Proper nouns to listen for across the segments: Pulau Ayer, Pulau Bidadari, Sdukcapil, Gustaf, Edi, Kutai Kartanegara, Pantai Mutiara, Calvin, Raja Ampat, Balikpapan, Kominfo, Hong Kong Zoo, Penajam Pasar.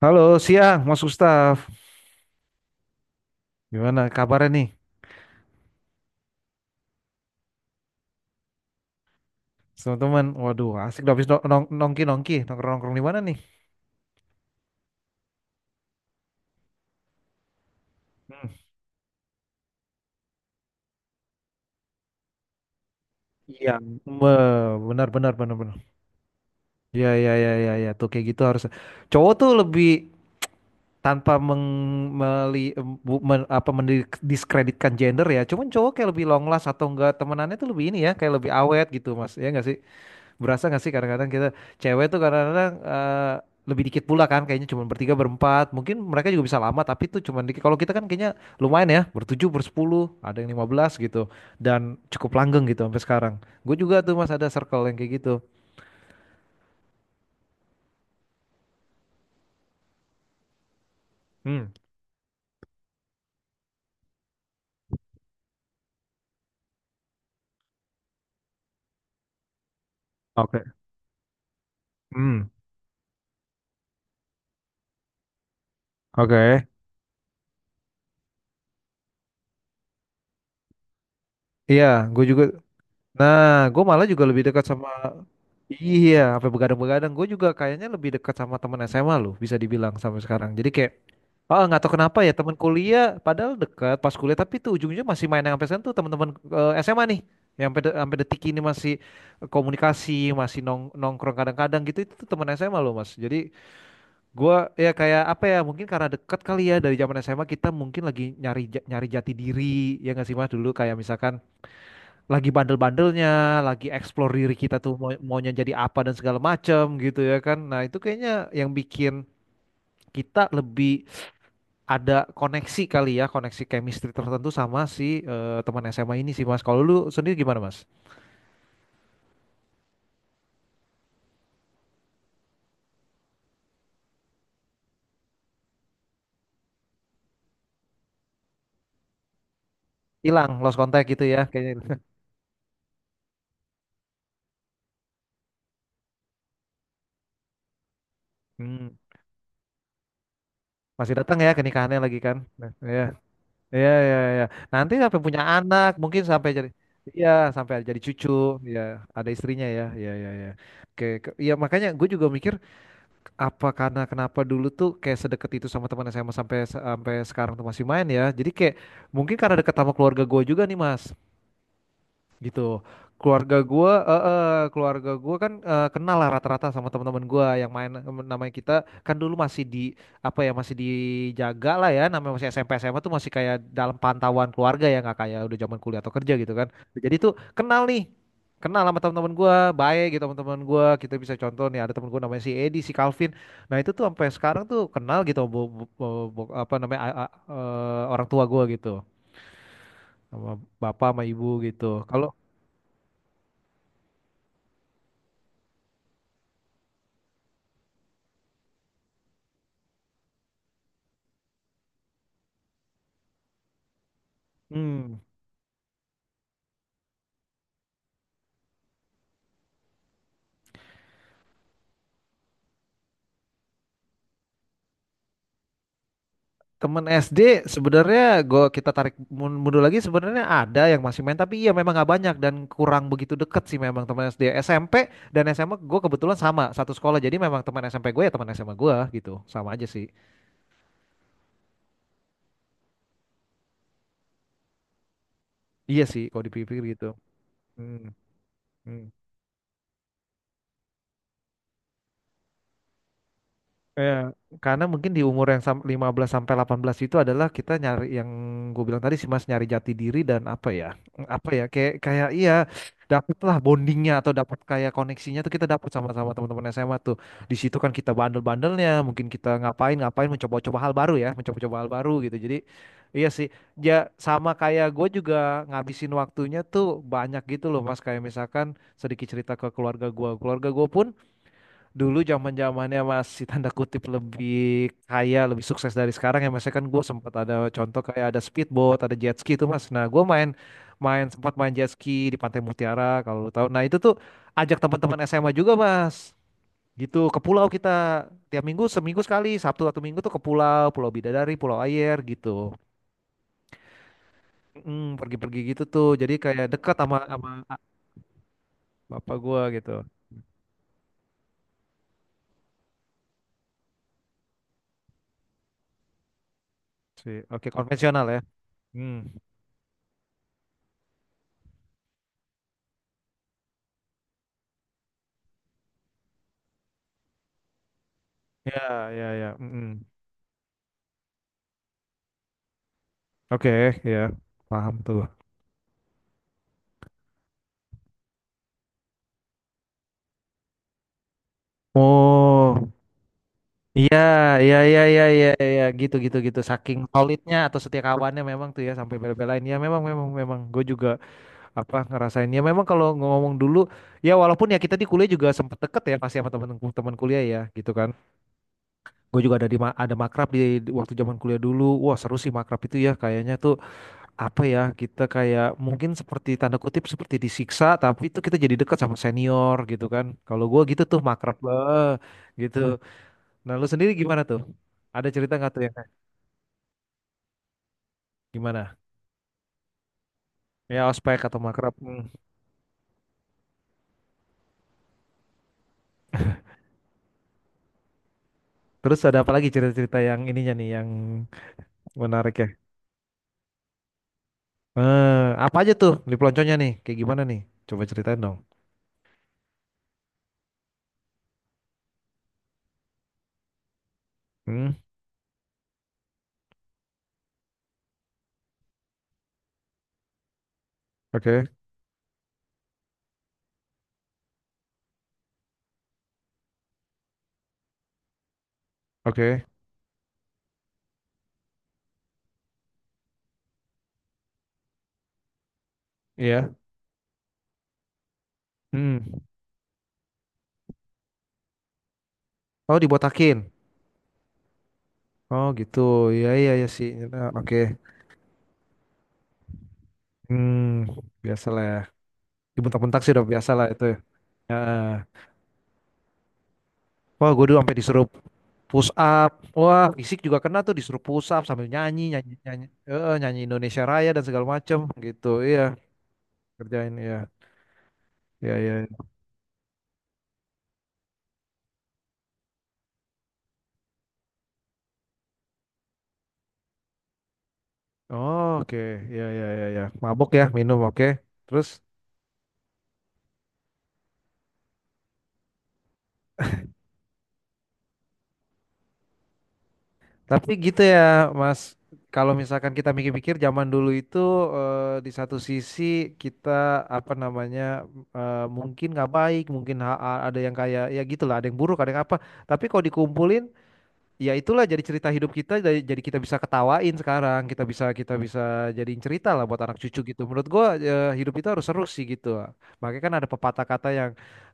Halo, siang Mas Gustaf. Gimana kabarnya nih, teman-teman? Waduh, asik dong habis nongkrong-nongkrong di mana nih? Hmm. Iya, benar benar benar benar. Iya iya iya iya ya. Tuh kayak gitu harus. Cowok tuh lebih tanpa meng meli, bu- men- apa mendiskreditkan gender ya. Cuman cowok kayak lebih long last atau enggak temenannya tuh lebih ini ya, kayak lebih awet gitu, Mas. Ya enggak sih? Berasa gak sih kadang-kadang kita cewek tuh kadang-kadang lebih dikit pula kan kayaknya cuma bertiga berempat mungkin mereka juga bisa lama tapi tuh cuma dikit kalau kita kan kayaknya lumayan ya bertujuh bersepuluh ada yang 15 gitu dan cukup langgeng gitu sampai sekarang gue juga tuh mas ada circle yang kayak gitu. Hmm. Oke. Hmm. Oke. Iya gue juga. Nah, gue malah juga lebih dekat sama. Iya, sampai begadang-begadang. Gue juga kayaknya lebih dekat sama temen SMA loh, bisa dibilang sampai sekarang. Jadi kayak, ah nggak tahu kenapa ya temen kuliah, padahal dekat pas kuliah, tapi tuh ujungnya masih main yang sampai sekarang tuh teman-teman SMA nih, yang sampai sampai detik ini masih komunikasi, masih nongkrong kadang-kadang gitu. Itu tuh temen SMA loh mas. Jadi gue ya kayak apa ya, mungkin karena dekat kali ya dari zaman SMA kita mungkin lagi nyari nyari jati diri, ya nggak sih mas dulu kayak misalkan lagi bandel-bandelnya, lagi explore diri kita tuh mau maunya jadi apa dan segala macam gitu ya kan. Nah, itu kayaknya yang bikin kita lebih ada koneksi kali ya, koneksi chemistry tertentu sama si teman SMA ini sih Mas. Kalau lu sendiri gimana Mas? Hilang, lost contact gitu ya kayaknya. Hmm. Masih datang ya ke nikahannya lagi kan? Nah, ya, ya, ya, ya. Nanti sampai punya anak, mungkin sampai jadi, iya, sampai jadi cucu, ya, ada istrinya ya, ya, ya, ya. Oke, iya makanya gue juga mikir apa karena kenapa dulu tuh kayak sedekat itu sama teman SMA sampai sampai sekarang tuh masih main ya. Jadi kayak mungkin karena deket sama keluarga gue juga nih Mas gitu keluarga gua eh, eh, keluarga gua kan kenal lah rata-rata sama teman-teman gua yang main namanya kita kan dulu masih di apa ya masih dijaga lah ya namanya masih SMP SMA tuh masih kayak dalam pantauan keluarga ya nggak kayak udah zaman kuliah atau kerja gitu kan jadi tuh kenal nih kenal sama teman-teman gua baik gitu teman-teman gua kita bisa contoh nih ada teman gua namanya si Edi si Calvin nah itu tuh sampai sekarang tuh kenal gitu apa namanya orang tua gua gitu sama bapak sama ibu gitu kalau hmm temen SD sebenarnya gua kita tarik mundur lagi sebenarnya ada yang masih main tapi iya memang nggak banyak dan kurang begitu deket sih memang teman SD SMP dan SMA gue kebetulan sama satu sekolah jadi memang teman SMP gue ya teman SMA gue gitu sama aja sih iya sih kalau dipikir gitu. Hmm. Hmm. Ya, karena mungkin di umur yang 15 sampai 18 itu adalah kita nyari yang gue bilang tadi sih Mas nyari jati diri dan apa ya? Apa ya? Kayak kayak iya dapatlah bondingnya atau dapat kayak koneksinya tuh kita dapat sama-sama teman-teman SMA tuh. Di situ kan kita bandel-bandelnya, mungkin kita ngapain-ngapain mencoba-coba hal baru ya, mencoba-coba hal baru gitu. Jadi iya sih. Ya sama kayak gue juga ngabisin waktunya tuh banyak gitu loh Mas kayak misalkan sedikit cerita ke keluarga gue. Keluarga gue pun dulu zaman zamannya masih tanda kutip lebih kaya, lebih sukses dari sekarang ya mas. Ya kan gue sempat ada contoh kayak ada speedboat, ada jet ski itu mas. Nah gue main main sempat main jet ski di Pantai Mutiara kalau lu tahu. Nah itu tuh ajak teman-teman SMA juga mas. Gitu ke pulau kita tiap minggu seminggu sekali Sabtu atau Minggu tuh ke pulau Pulau Bidadari, Pulau Ayer gitu. Pergi-pergi gitu tuh. Jadi kayak dekat sama sama bapak gue gitu. Sih. Oke konvensional ya. Hmm. Ya ya ya. Mm-mm. Oke, ya, paham tuh. Oh, iya, iya, iya, iya, iya, iya, gitu, gitu, gitu. Saking solidnya atau setiakawannya memang tuh ya sampai bela-belain. Ya memang, memang, memang. Gue juga apa ngerasain ya memang kalau ngomong dulu, ya walaupun ya kita di kuliah juga sempet deket ya pasti sama teman-teman kuliah ya, gitu kan. Gue juga ada di ada makrab di waktu zaman kuliah dulu. Wah seru sih makrab itu ya. Kayaknya tuh apa ya kita kayak mungkin seperti tanda kutip seperti disiksa tapi itu kita jadi dekat sama senior gitu kan kalau gua gitu tuh makrab gitu nah lu sendiri gimana tuh ada cerita nggak tuh yang kayak gimana ya ospek atau makrab. Hmm. Terus ada apa lagi cerita-cerita yang ininya nih yang menarik ya eh, apa aja tuh di pelonconya nih kayak gimana nih coba ceritain dong. Hmm. Oke. Oke. Iya. Hmm. Oh dibotakin. Oh gitu iya iya iya sih. Nah, oke. Hmm, biasa lah ya. Dibentak-bentak sih udah biasa lah itu ya. Wah gue dulu sampai disuruh push up. Wah fisik juga kena tuh disuruh push up sambil nyanyi nyanyi nyanyi nyanyi Indonesia Raya dan segala macem gitu iya kerjain iya iya iya iya. Oh, oke iya iya iya iya mabok ya minum oke terus. Tapi gitu ya, Mas. Kalau misalkan kita mikir-mikir zaman dulu itu di satu sisi kita apa namanya mungkin nggak baik, mungkin ada yang kayak ya gitulah, ada yang buruk, ada yang apa. Tapi kalau dikumpulin, ya itulah jadi cerita hidup kita, jadi kita bisa ketawain sekarang, kita bisa jadiin cerita lah buat anak cucu gitu. Menurut gua hidup itu harus seru sih gitu. Makanya kan ada pepatah kata yang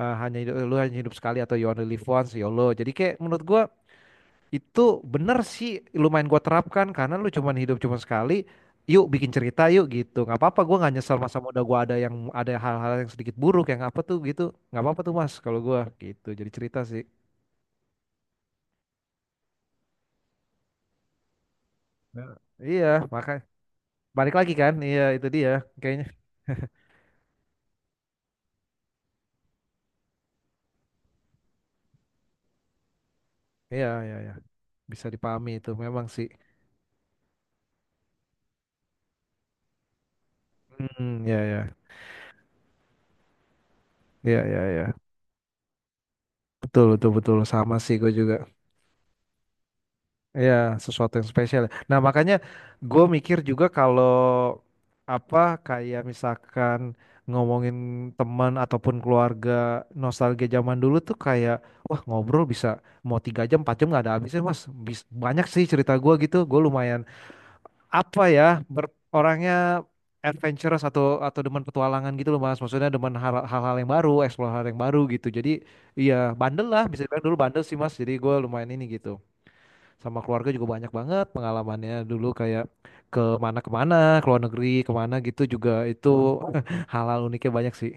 hanya hidup, lu hanya hidup sekali atau you only live once, YOLO. Jadi kayak menurut gua itu bener sih lumayan gua terapkan karena lu cuman hidup cuma sekali. Yuk bikin cerita yuk gitu. Nggak apa-apa gua nggak nyesel masa muda gua ada yang ada hal-hal yang sedikit buruk yang apa tuh gitu. Nggak apa-apa tuh Mas kalau gua gitu. Jadi cerita sih. Nah, iya, maka balik lagi kan. Iya, itu dia kayaknya. Iya, iya, iya. Bisa dipahami itu memang sih. Hmm, ya, ya, ya, ya, ya. Betul, betul, betul. Sama sih gue juga. Iya, sesuatu yang spesial. Nah, makanya gue mikir juga kalau apa kayak misalkan ngomongin teman ataupun keluarga nostalgia zaman dulu tuh kayak wah ngobrol bisa mau 3 jam 4 jam nggak ada habisnya mas. Banyak sih cerita gue gitu gue lumayan apa ya orangnya adventurous atau demen petualangan gitu loh mas maksudnya demen hal-hal yang baru explore hal yang baru gitu jadi iya bandel lah bisa bilang dulu bandel sih mas jadi gue lumayan ini gitu. Sama keluarga juga banyak banget pengalamannya dulu kayak ke mana kemana ke luar negeri kemana gitu juga itu hal-hal uniknya banyak sih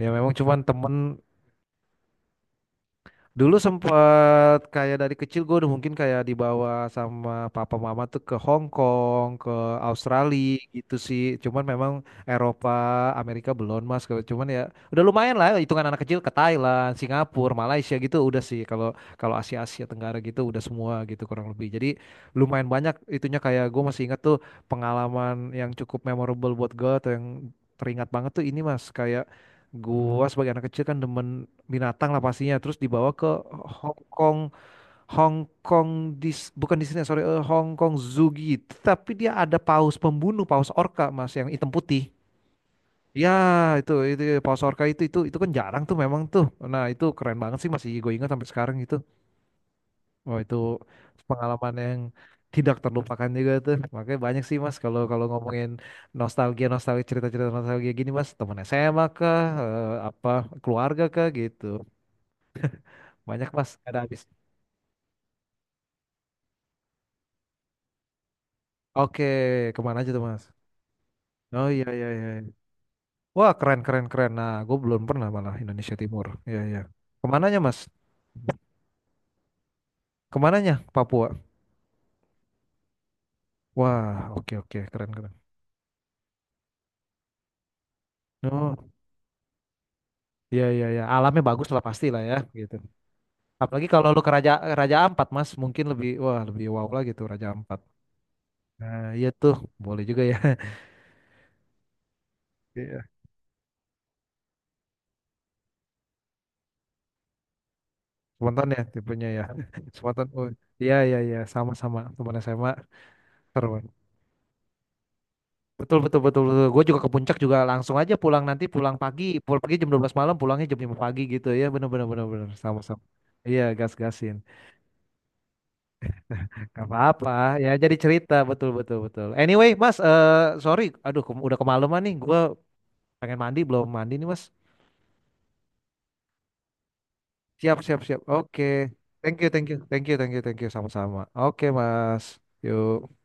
ya memang cuman temen. Dulu sempet kayak dari kecil gue udah mungkin kayak dibawa sama papa mama tuh ke Hong Kong, ke Australia gitu sih. Cuman memang Eropa, Amerika belum mas. Cuman ya udah lumayan lah hitungan anak kecil ke Thailand, Singapura, Malaysia gitu udah sih. Kalau kalau Asia Asia Tenggara gitu udah semua gitu kurang lebih. Jadi lumayan banyak itunya kayak gue masih ingat tuh pengalaman yang cukup memorable buat gue atau yang teringat banget tuh ini mas kayak gua sebagai anak kecil kan demen binatang lah pastinya terus dibawa ke Hong Kong Hong Kong bukan di sini sorry Hong Kong Zoo gitu tapi dia ada paus pembunuh paus orca mas yang hitam putih ya itu paus orca itu kan jarang tuh memang tuh nah itu keren banget sih masih gue ingat sampai sekarang gitu wah itu pengalaman yang tidak terlupakan juga tuh makanya banyak sih mas kalau kalau ngomongin nostalgia nostalgia cerita-cerita nostalgia gini mas temen SMA kah apa keluarga kah gitu banyak mas ada habis. Oke, kemana aja tuh Mas? Oh iya iya iya. Iya. Wah keren keren keren. Nah, gue belum pernah malah Indonesia Timur. Iya iya. Kemananya Mas? Kemananya? Papua. Wah oke oke keren keren. Oh iya iya iya. Alamnya bagus lah pasti lah ya gitu. Apalagi kalau lu ke Raja Raja Ampat Mas, mungkin lebih wah lebih wow lah gitu Raja Ampat. Nah iya tuh boleh juga ya. Iya. Spontan ya tipenya ya. Spontan. Oh iya iya iya sama sama teman SMA seru. Betul betul betul betul. Gue juga ke puncak juga langsung aja pulang nanti pulang pagi jam 12 malam, pulangnya jam 5 pagi gitu ya. Bener bener bener bener sama-sama. Iya, gas-gasin. Gak apa-apa ya jadi cerita betul betul betul. Anyway, Mas, sorry, aduh udah kemalaman nih. Gue pengen mandi belum mandi nih, Mas. Siap siap siap. Oke. Thank you thank you thank you thank you thank you sama-sama. Oke, Mas. Yuk.